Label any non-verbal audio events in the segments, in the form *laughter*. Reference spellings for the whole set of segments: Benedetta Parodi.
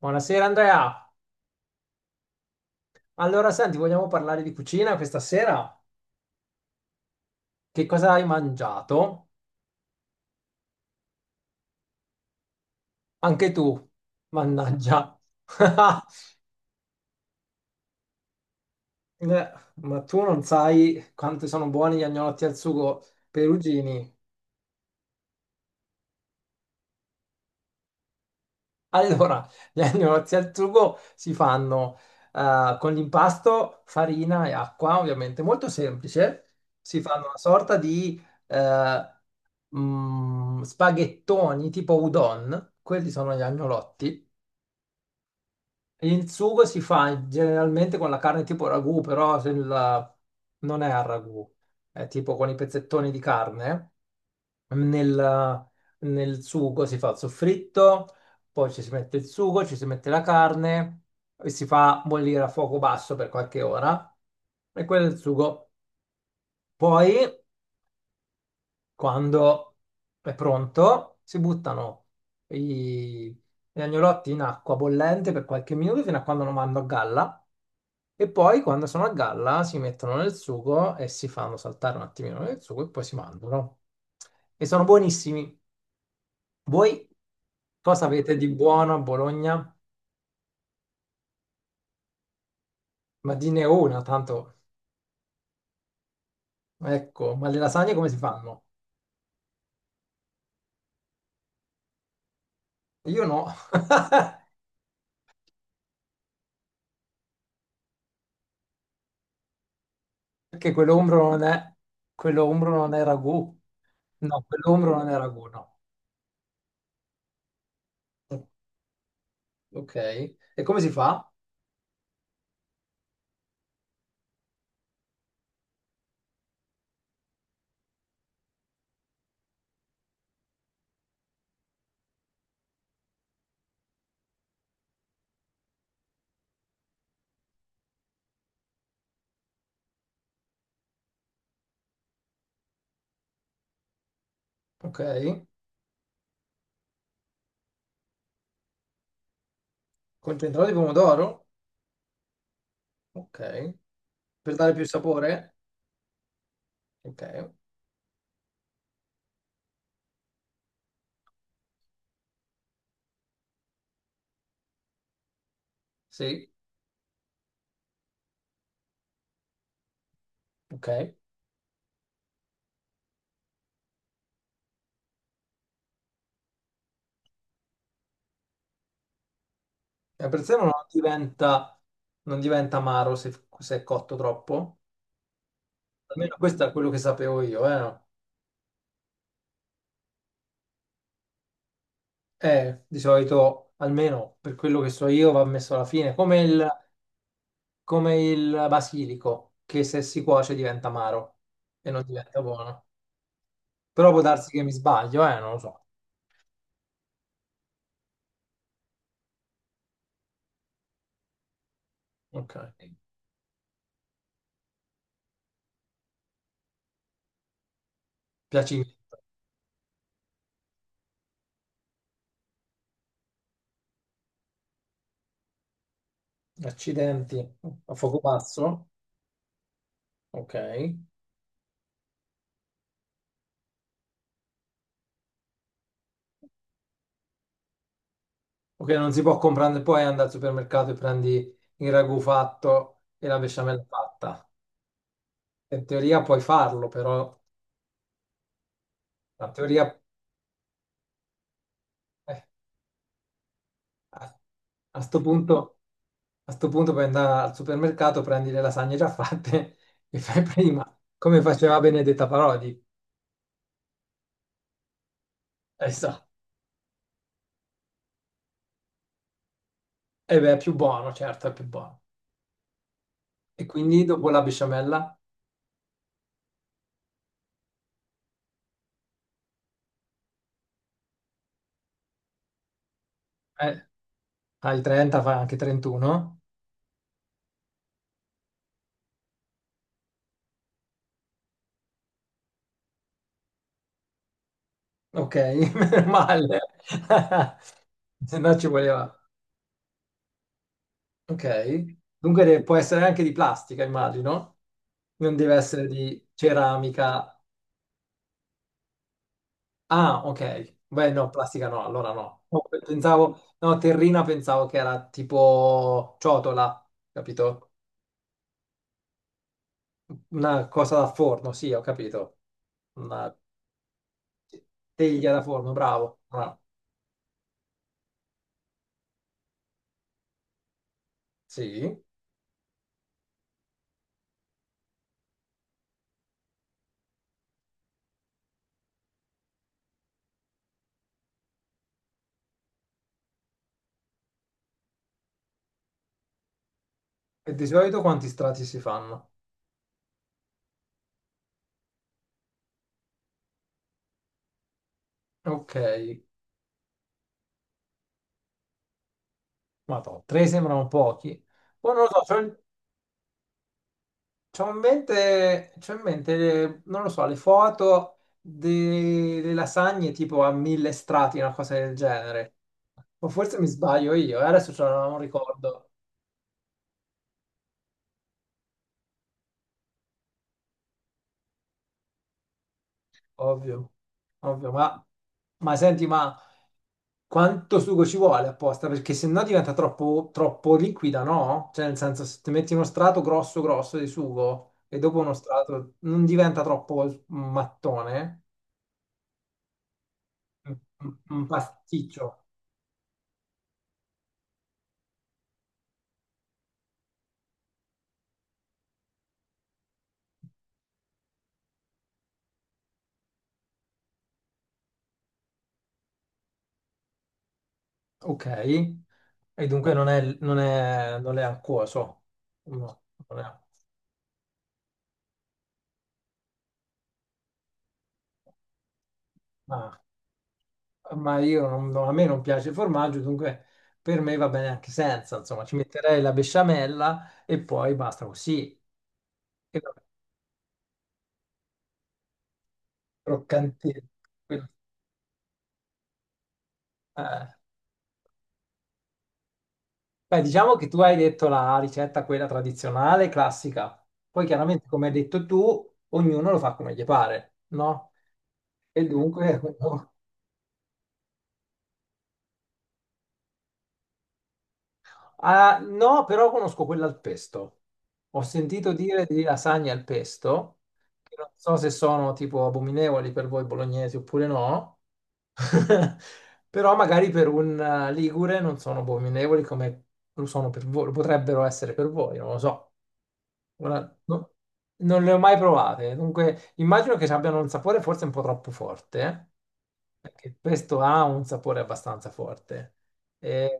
Buonasera Andrea. Allora, senti, vogliamo parlare di cucina questa sera? Che cosa hai mangiato? Anche tu, mannaggia. *laughs* Ma tu non sai quanto sono buoni gli agnolotti al sugo perugini. Allora, gli *laughs* agnolotti al sugo si fanno con l'impasto, farina e acqua, ovviamente, molto semplice. Si fanno una sorta di eh, spaghettoni tipo udon, quelli sono gli agnolotti. Il sugo si fa generalmente con la carne tipo ragù, però se il- non è al ragù, è tipo con i pezzettoni di carne. Nel, nel sugo si fa il soffritto, poi ci si mette il sugo, ci si mette la carne e si fa bollire a fuoco basso per qualche ora. E quello è il sugo. Poi quando è pronto, si buttano i- gli agnolotti in acqua bollente per qualche minuto fino a quando non vanno a galla e poi quando sono a galla si mettono nel sugo e si fanno saltare un attimino nel sugo e poi si mangiano. E sono buonissimi. Voi cosa avete di buono a Bologna? Ma di ne una, tanto, ecco, ma le lasagne come si fanno? Io no. *laughs* Perché quello umbro non è, quello umbro non è ragù. No, quello umbro non è ragù, no. Ok. E come si fa? Ok. Concentrato di pomodoro? Ok. Per dare più sapore? Ok. Sì. Ok. E per sé non diventa, amaro se è cotto troppo. Almeno questo è quello che sapevo io, eh, no? Di solito, almeno per quello che so io, va messo alla fine. Come il basilico, che se si cuoce diventa amaro e non diventa buono. Però può darsi che mi sbaglio, non lo so. Ok. Piacimento. Accidenti, a fuoco pazzo? Ok. Ok, non si può comprare, poi andare al supermercato e prendi il ragù fatto e la besciamella fatta. In teoria puoi farlo, però la teoria, eh, a, a sto punto, a sto punto puoi andare al supermercato, prendi le lasagne già fatte *laughs* e fai prima, come faceva Benedetta Parodi. So. Eh beh, è più buono, certo, è più buono. E quindi dopo la besciamella, eh, al 30 fa anche 31. Ok, *laughs* meno male. *laughs* Se no ci voleva. Ok. Dunque può essere anche di plastica, immagino. Non deve essere di ceramica. Ah, ok. Beh, no, plastica no, allora no. No, pensavo, no, terrina pensavo che era tipo ciotola, capito? Una cosa da forno, sì, ho capito. Una teglia da forno, bravo, bravo. Sì. E di solito quanti strati si fanno? Ok. Madonna, tre sembrano pochi. Poi non lo so, c'ho in mente, non lo so, le foto delle lasagne tipo a mille strati, una cosa del genere. O forse mi sbaglio io, adesso non ricordo, ovvio, ovvio, ma senti, ma quanto sugo ci vuole apposta? Perché se no diventa troppo, troppo liquida, no? Cioè, nel senso, se ti metti uno strato grosso grosso di sugo e dopo uno strato non diventa troppo mattone? un un pasticcio. Ok, e dunque non è acquoso. No, non è- ma, ma io no, a me non piace il formaggio, dunque per me va bene anche senza. Insomma, ci metterei la besciamella e poi basta così. E vabbè, croccantino. Quello- eh. Beh, diciamo che tu hai detto la ricetta, quella tradizionale, classica. Poi chiaramente, come hai detto tu, ognuno lo fa come gli pare, no? E dunque. *laughs* Ah, no, però conosco quella al pesto. Ho sentito dire di lasagne al pesto, che non so se sono tipo abominevoli per voi bolognesi oppure no, *laughs* però magari per un ligure non sono abominevoli come lo sono per voi, lo potrebbero essere per voi, non lo so. Ora, non le ho mai provate, dunque immagino che abbiano un sapore forse un po' troppo forte, perché il pesto ha un sapore abbastanza forte. E,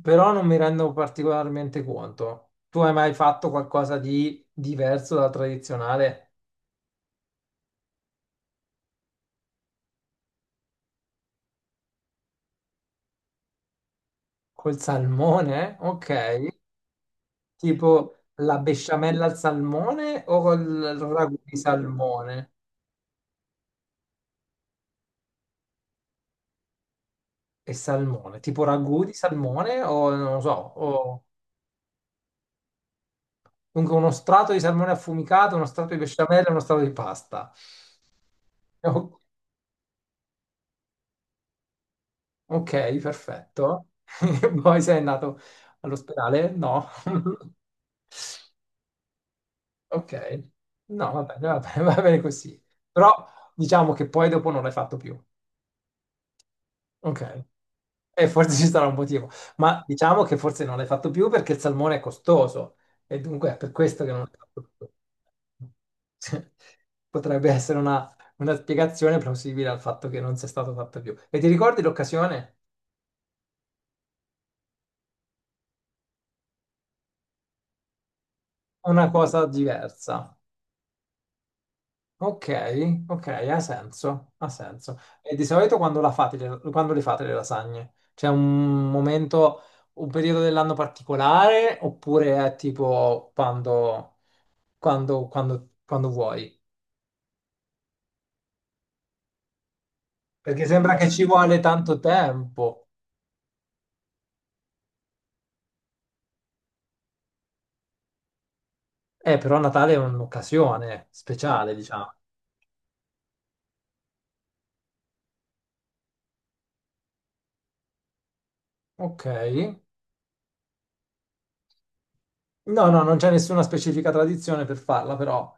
però non mi rendo particolarmente conto. Tu hai mai fatto qualcosa di diverso dal tradizionale col salmone? Ok, tipo la besciamella al salmone o col ragù di salmone e salmone? Tipo ragù di salmone o non lo so, o comunque uno strato di salmone affumicato, uno strato di besciamella e uno strato di pasta. O- Ok, perfetto. *laughs* Poi sei andato all'ospedale? No. *laughs* Ok, no, va bene, *laughs* va bene così. Però diciamo che poi dopo non l'hai fatto più. Ok, e forse ci sarà un motivo, ma diciamo che forse non l'hai fatto più perché il salmone è costoso e dunque è per questo che non l'hai fatto più. *laughs* Potrebbe essere una spiegazione plausibile al fatto che non sia stato fatto più. E ti ricordi l'occasione? Una cosa diversa. Ok, ok, ha senso, ha senso. E di solito quando la fate, quando le fate le lasagne? C'è un momento, un periodo dell'anno particolare oppure è tipo quando vuoi? Perché sembra che ci vuole tanto tempo. Però Natale è un'occasione speciale, diciamo. Ok, no, no, non c'è nessuna specifica tradizione per farla, però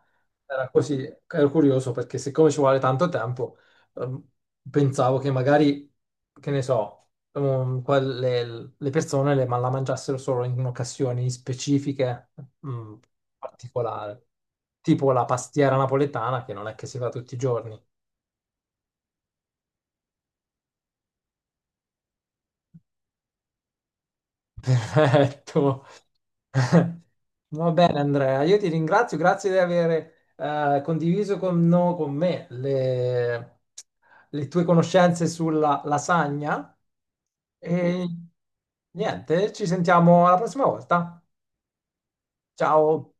era così, ero curioso perché siccome ci vuole tanto tempo, ehm, pensavo che magari, che ne so, le persone ma la mangiassero solo in occasioni specifiche, mm, particolari, tipo la pastiera napoletana che non è che si fa tutti i giorni. Perfetto. *laughs* Va bene, Andrea, io ti ringrazio, grazie di aver condiviso con, no- con me le tue conoscenze sulla lasagna e niente, ci sentiamo alla prossima volta. Ciao.